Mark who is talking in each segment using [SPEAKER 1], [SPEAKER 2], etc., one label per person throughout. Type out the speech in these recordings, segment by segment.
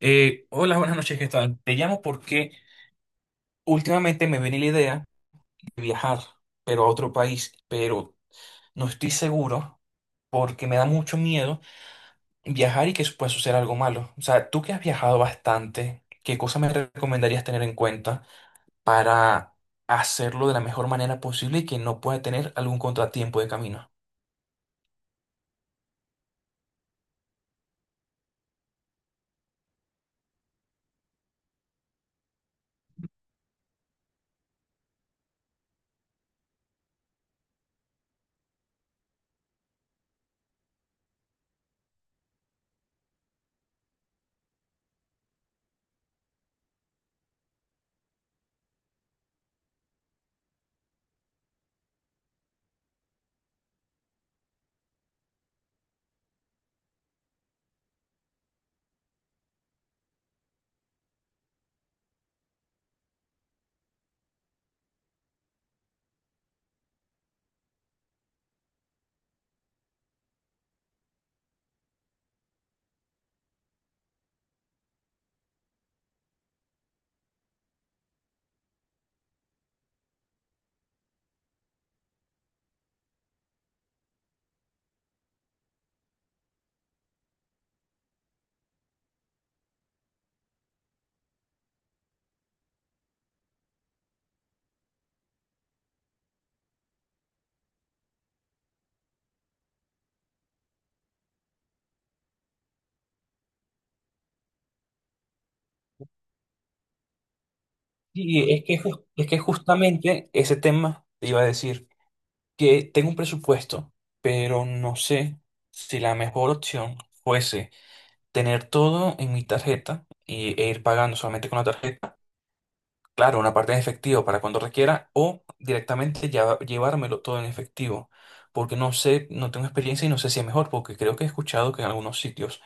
[SPEAKER 1] Hola, buenas noches, ¿qué tal? Te llamo porque últimamente me viene la idea de viajar, pero a otro país, pero no estoy seguro porque me da mucho miedo viajar y que eso pueda suceder algo malo. O sea, tú que has viajado bastante, ¿qué cosas me recomendarías tener en cuenta para hacerlo de la mejor manera posible y que no pueda tener algún contratiempo de camino? Es que justamente ese tema te iba a decir, que tengo un presupuesto, pero no sé si la mejor opción fuese tener todo en mi tarjeta e ir pagando solamente con la tarjeta, claro, una parte en efectivo para cuando requiera, o directamente ya, llevármelo todo en efectivo, porque no sé, no tengo experiencia y no sé si es mejor, porque creo que he escuchado que en algunos sitios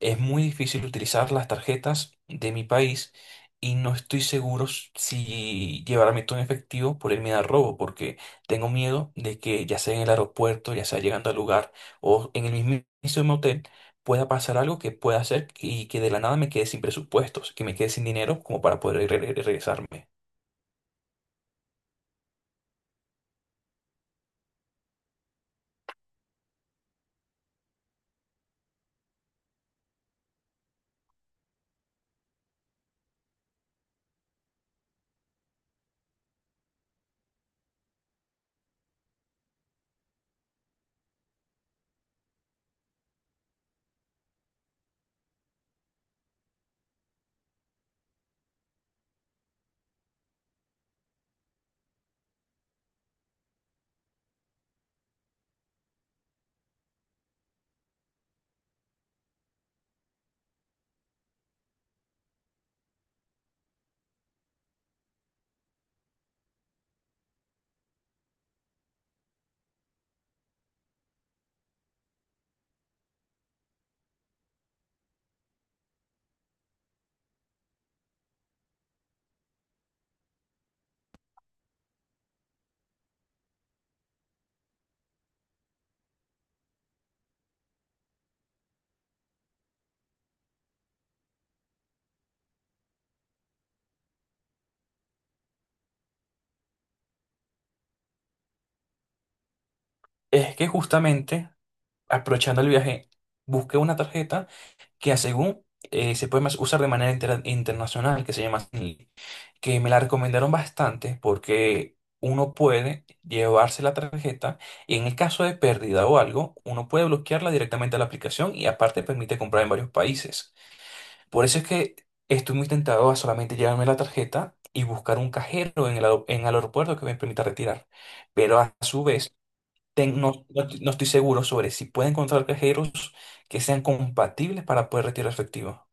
[SPEAKER 1] es muy difícil utilizar las tarjetas de mi país y no estoy seguro si llevarme todo en efectivo por el miedo al robo, porque tengo miedo de que ya sea en el aeropuerto, ya sea llegando al lugar o en el mismo hotel, pueda pasar algo que pueda hacer que de la nada me quede sin presupuestos, que me quede sin dinero como para poder regresarme. Es que justamente aprovechando el viaje, busqué una tarjeta que a según se puede más usar de manera internacional, que se llama Zenly, que me la recomendaron bastante porque uno puede llevarse la tarjeta y en el caso de pérdida o algo, uno puede bloquearla directamente a la aplicación y aparte permite comprar en varios países. Por eso es que estoy muy tentado a solamente llevarme la tarjeta y buscar un cajero en el aeropuerto que me permita retirar. Pero a su vez, no estoy seguro sobre si puedo encontrar cajeros que sean compatibles para poder retirar efectivo.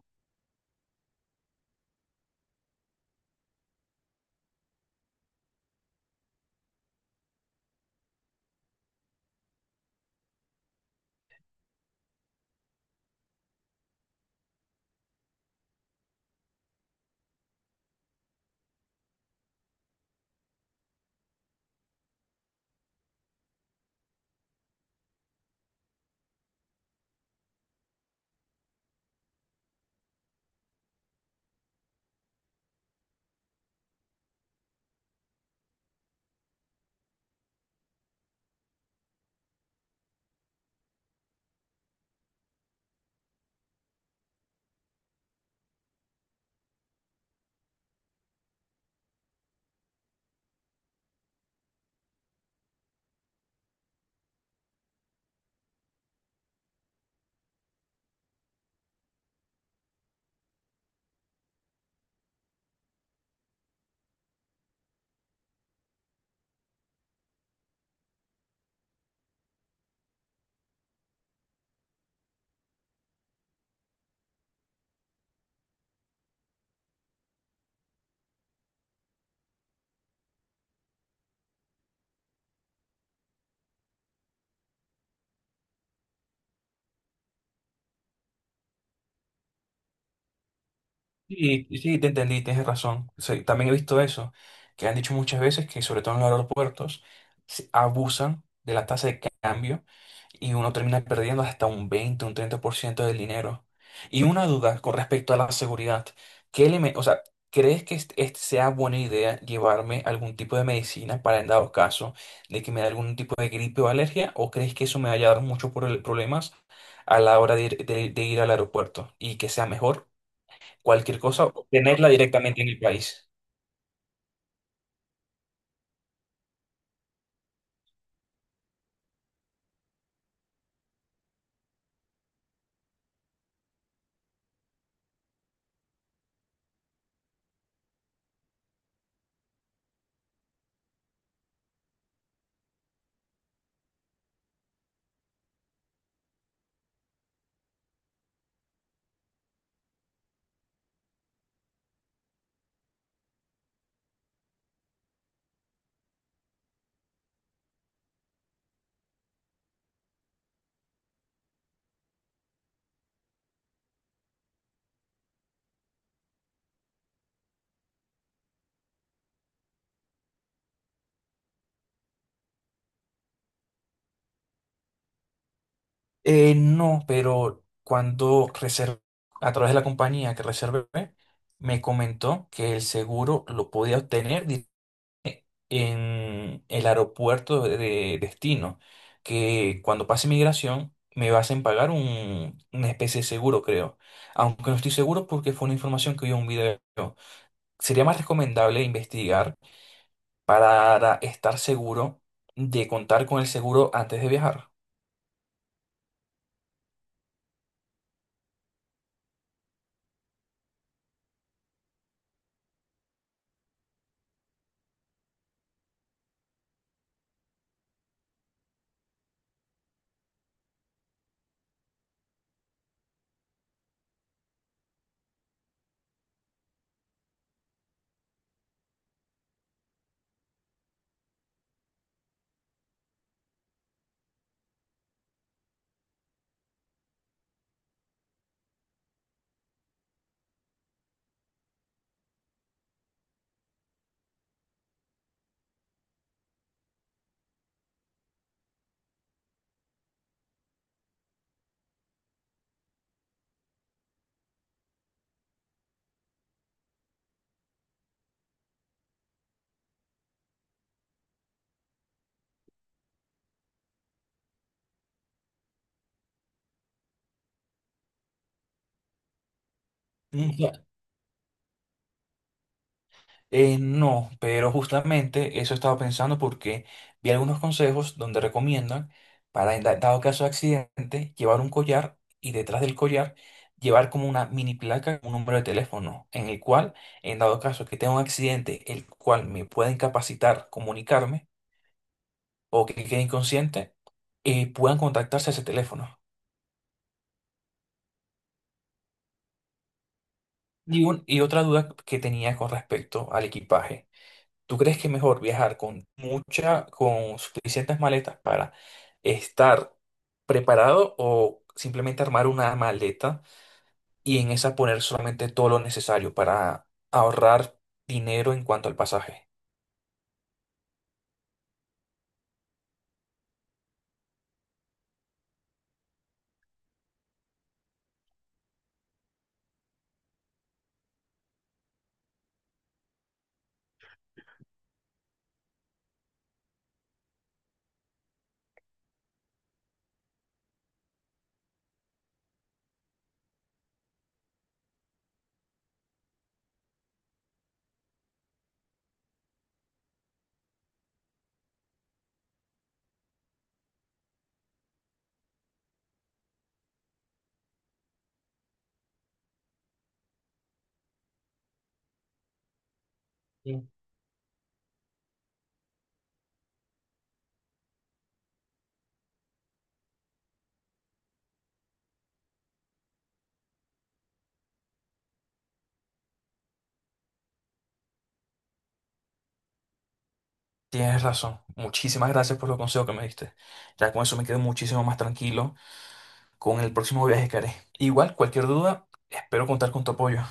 [SPEAKER 1] Sí, sí, te entendí, tienes razón. Sí, también he visto eso, que han dicho muchas veces que sobre todo en los aeropuertos se abusan de la tasa de cambio y uno termina perdiendo hasta un 20, un 30% del dinero. Y una duda con respecto a la seguridad. ¿Qué o sea, ¿crees que este sea buena idea llevarme algún tipo de medicina para en dado caso de que me dé algún tipo de gripe o alergia? ¿O crees que eso me vaya a dar muchos problemas a la hora de ir de ir al aeropuerto y que sea mejor cualquier cosa, o tenerla directamente en el país? No, pero cuando reservé, a través de la compañía que reservé, me comentó que el seguro lo podía obtener en el aeropuerto de destino, que cuando pase migración me hacen pagar una especie de seguro, creo. Aunque no estoy seguro porque fue una información que vi en un video. Sería más recomendable investigar para estar seguro de contar con el seguro antes de viajar. Mm, ya. No, pero justamente eso estaba pensando porque vi algunos consejos donde recomiendan para, en dado caso de accidente, llevar un collar y detrás del collar llevar como una mini placa, un número de teléfono, en el cual, en dado caso que tenga un accidente, el cual me pueda incapacitar comunicarme o que quede inconsciente, puedan contactarse a ese teléfono. Y otra duda que tenía con respecto al equipaje. ¿Tú crees que es mejor viajar con con suficientes maletas para estar preparado o simplemente armar una maleta y en esa poner solamente todo lo necesario para ahorrar dinero en cuanto al pasaje? Mm. Tienes razón. Muchísimas gracias por los consejos que me diste. Ya con eso me quedo muchísimo más tranquilo con el próximo viaje que haré. Igual, cualquier duda, espero contar con tu apoyo.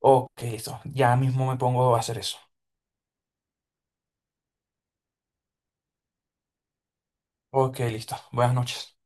[SPEAKER 1] Ok, listo. Ya mismo me pongo a hacer eso. Ok, listo. Buenas noches.